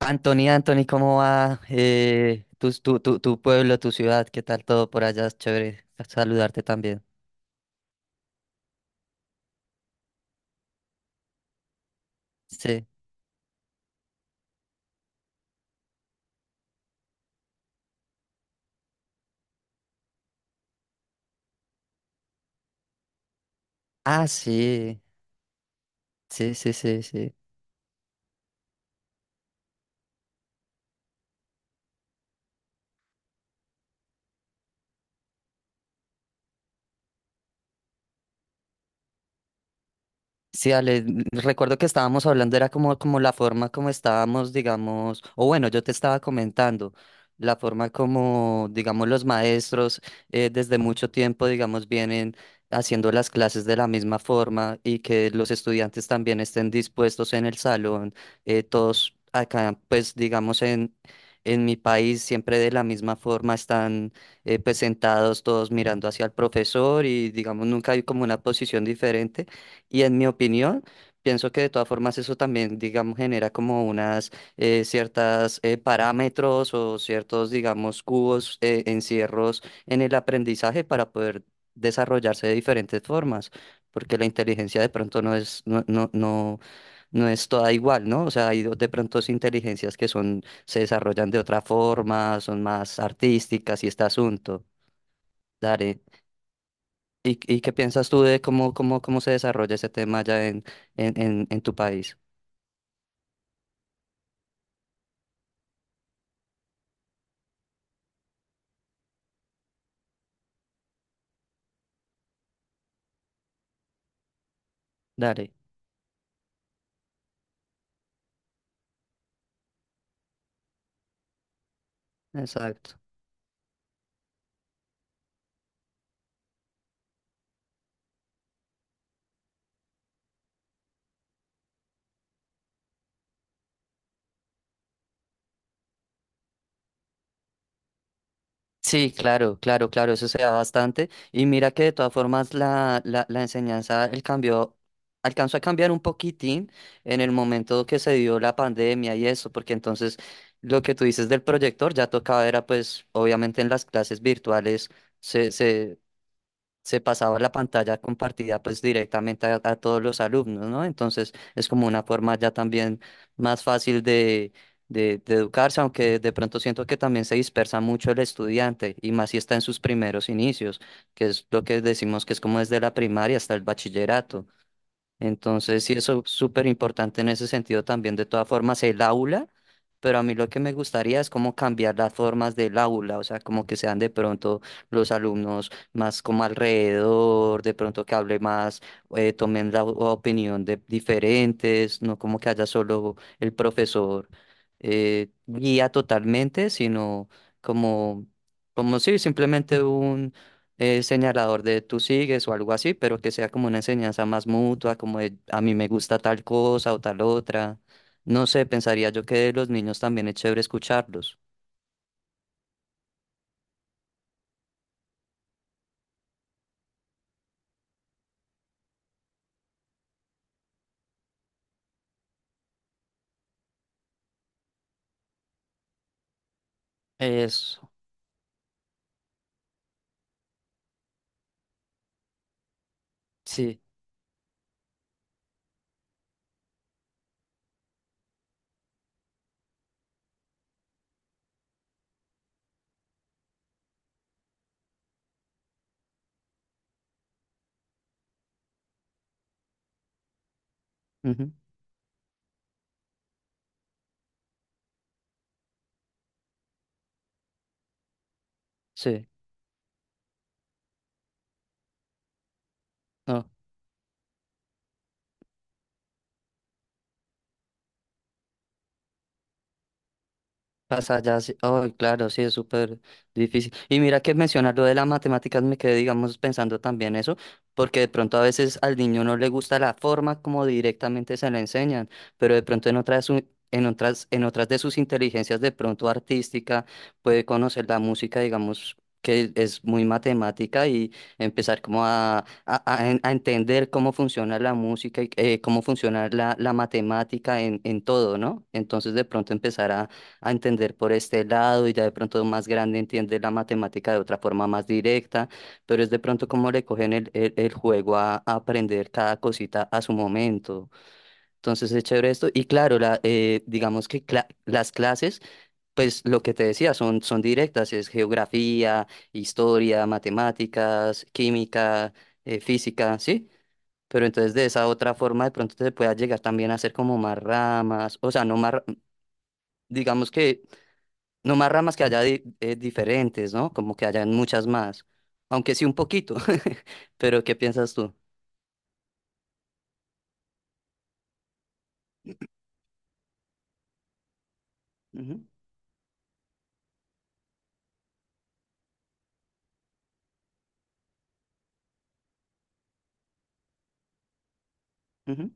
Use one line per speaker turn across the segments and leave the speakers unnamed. Anthony, Anthony, ¿cómo va tu pueblo, tu ciudad? ¿Qué tal todo por allá? Es chévere saludarte también. Sí. Ah, sí, sí, sí, sí, sí. Sí, Ale, recuerdo que estábamos hablando, era como, como la forma como estábamos, digamos, o bueno, yo te estaba comentando, la forma como, digamos, los maestros desde mucho tiempo, digamos, vienen haciendo las clases de la misma forma y que los estudiantes también estén dispuestos en el salón, todos acá, pues, digamos, en mi país, siempre de la misma forma están pues sentados todos mirando hacia el profesor y, digamos, nunca hay como una posición diferente. Y en mi opinión, pienso que de todas formas eso también, digamos, genera como unas ciertas parámetros o ciertos, digamos, cubos, encierros en el aprendizaje para poder desarrollarse de diferentes formas, porque la inteligencia de pronto no es, no es toda igual, ¿no? O sea, hay de pronto sí inteligencias que son, se desarrollan de otra forma, son más artísticas y este asunto. Dale. Y qué piensas tú de cómo, cómo, cómo se desarrolla ese tema ya en, en tu país? Dale, exacto. Sí, claro, claro, claro, eso se da bastante. Y mira que de todas formas la enseñanza, el cambio, alcanzó a cambiar un poquitín en el momento que se dio la pandemia y eso, porque entonces lo que tú dices del proyector ya tocaba era pues obviamente en las clases virtuales se se, se pasaba la pantalla compartida pues directamente a todos los alumnos, ¿no? Entonces es como una forma ya también más fácil de, de educarse, aunque de pronto siento que también se dispersa mucho el estudiante y más si está en sus primeros inicios, que es lo que decimos que es como desde la primaria hasta el bachillerato. Entonces, sí, eso es súper importante en ese sentido también. De todas formas, el aula, pero a mí lo que me gustaría es como cambiar las formas del aula, o sea, como que sean de pronto los alumnos más como alrededor, de pronto que hable más, tomen la o- opinión de diferentes, no como que haya solo el profesor guía totalmente, sino como, como sí, simplemente señalador de tú sigues o algo así, pero que sea como una enseñanza más mutua, como de a mí me gusta tal cosa o tal otra. No sé, pensaría yo que de los niños también es chévere escucharlos. Eso, sí. Ujú. Sí, no. Pasa ya, sí. Oh, claro, sí, es súper difícil. Y mira que mencionar lo de las matemáticas me quedé, digamos, pensando también eso, porque de pronto a veces al niño no le gusta la forma como directamente se le enseñan, pero de pronto en otras, en otras, en otras de sus inteligencias, de pronto artística, puede conocer la música, digamos, que es muy matemática y empezar como a, a entender cómo funciona la música y cómo funciona la, la matemática en todo, ¿no? Entonces de pronto empezar a entender por este lado y ya de pronto más grande entiende la matemática de otra forma más directa, pero es de pronto como le cogen el, el juego a aprender cada cosita a su momento. Entonces es chévere esto. Y claro, la, digamos que las clases, pues lo que te decía, son, son directas, es geografía, historia, matemáticas, química, física, ¿sí? Pero entonces de esa otra forma de pronto te puedas llegar también a hacer como más ramas, o sea, no más, digamos que no más ramas que haya diferentes, ¿no? Como que hayan muchas más. Aunque sí un poquito. Pero ¿qué piensas tú? Ujú, ujú.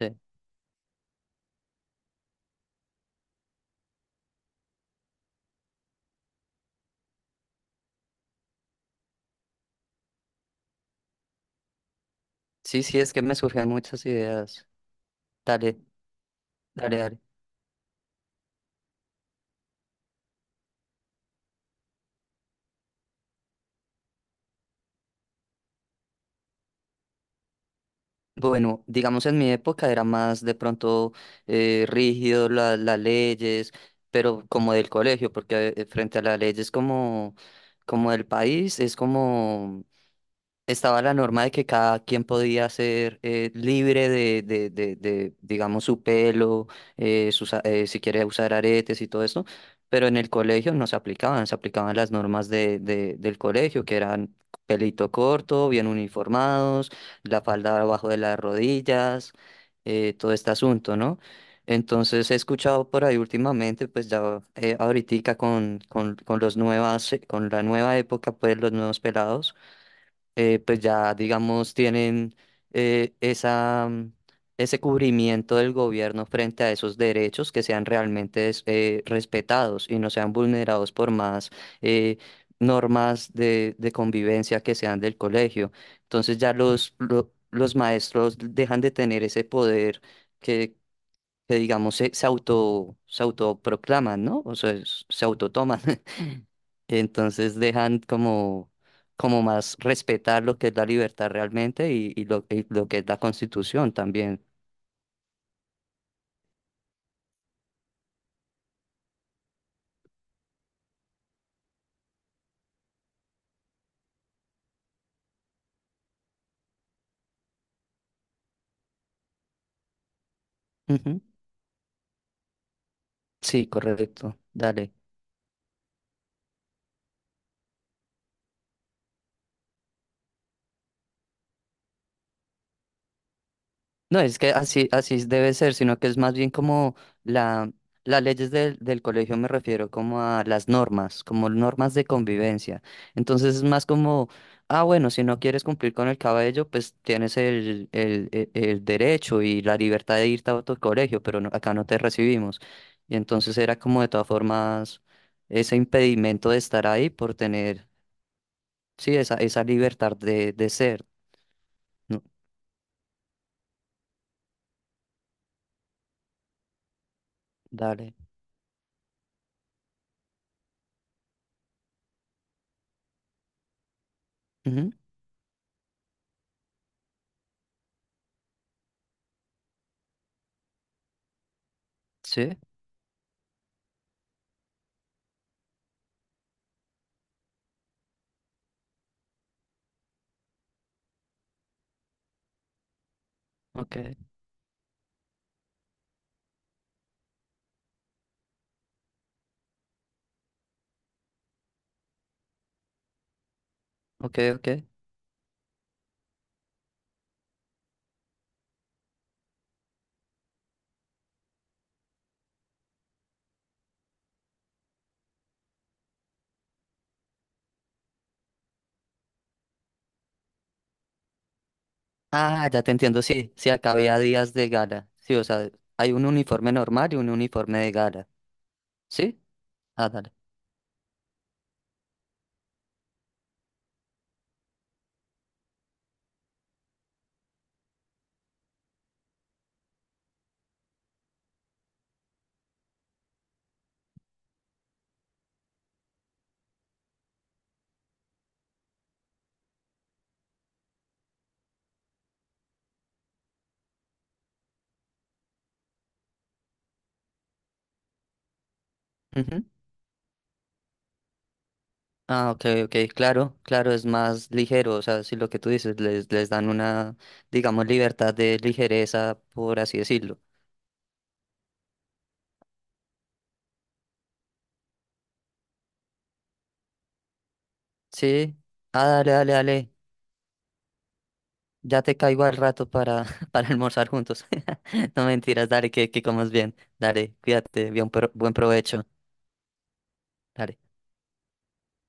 Sí. Sí, sí, es que me surgen muchas ideas. Dale, dale, dale. Bueno, digamos en mi época era más de pronto rígido las leyes, pero como del colegio, porque frente a las leyes como, como del país es como estaba la norma de que cada quien podía ser libre de, digamos, su pelo, si quiere usar aretes y todo esto, pero en el colegio no se aplicaban, se aplicaban las normas de, del colegio, que eran pelito corto, bien uniformados, la falda abajo de las rodillas, todo este asunto, ¿no? Entonces he escuchado por ahí últimamente, pues ya ahoritica con, con los nuevas, con la nueva época, pues los nuevos pelados pues ya, digamos, tienen esa, ese cubrimiento del gobierno frente a esos derechos que sean realmente respetados y no sean vulnerados por más eh, normas de, convivencia que sean del colegio. Entonces ya los, los maestros dejan de tener ese poder que digamos se, se auto se autoproclaman, ¿no? O sea, se autotoman. Entonces dejan como como más respetar lo que es la libertad realmente y lo que es la Constitución también. Ujú. Sí, correcto. Dale. No, es que así, así debe ser, sino que es más bien como la, las leyes del, del colegio me refiero como a las normas, como normas de convivencia. Entonces es más como, ah, bueno, si no quieres cumplir con el cabello, pues tienes el, el derecho y la libertad de irte a otro colegio, pero acá no te recibimos. Y entonces era como de todas formas ese impedimento de estar ahí por tener, sí, esa libertad de ser. No, dale. Ujú. Sí, ok, ok, ok. Ah, ya te entiendo, sí, sí, acá había días de gala. Sí, o sea, hay un uniforme normal y un uniforme de gala. ¿Sí? Ah, dale. Ujú. Ah, ok, ok, claro, claro, es más ligero, o sea, sí, lo que tú dices, les dan una, digamos, libertad de ligereza, por así decirlo. Sí. Ah, dale, dale, dale. Ya te caigo al rato para, para almorzar juntos. No mentiras, dale, que comas bien. Dale, cuídate, bien, buen provecho. Dale.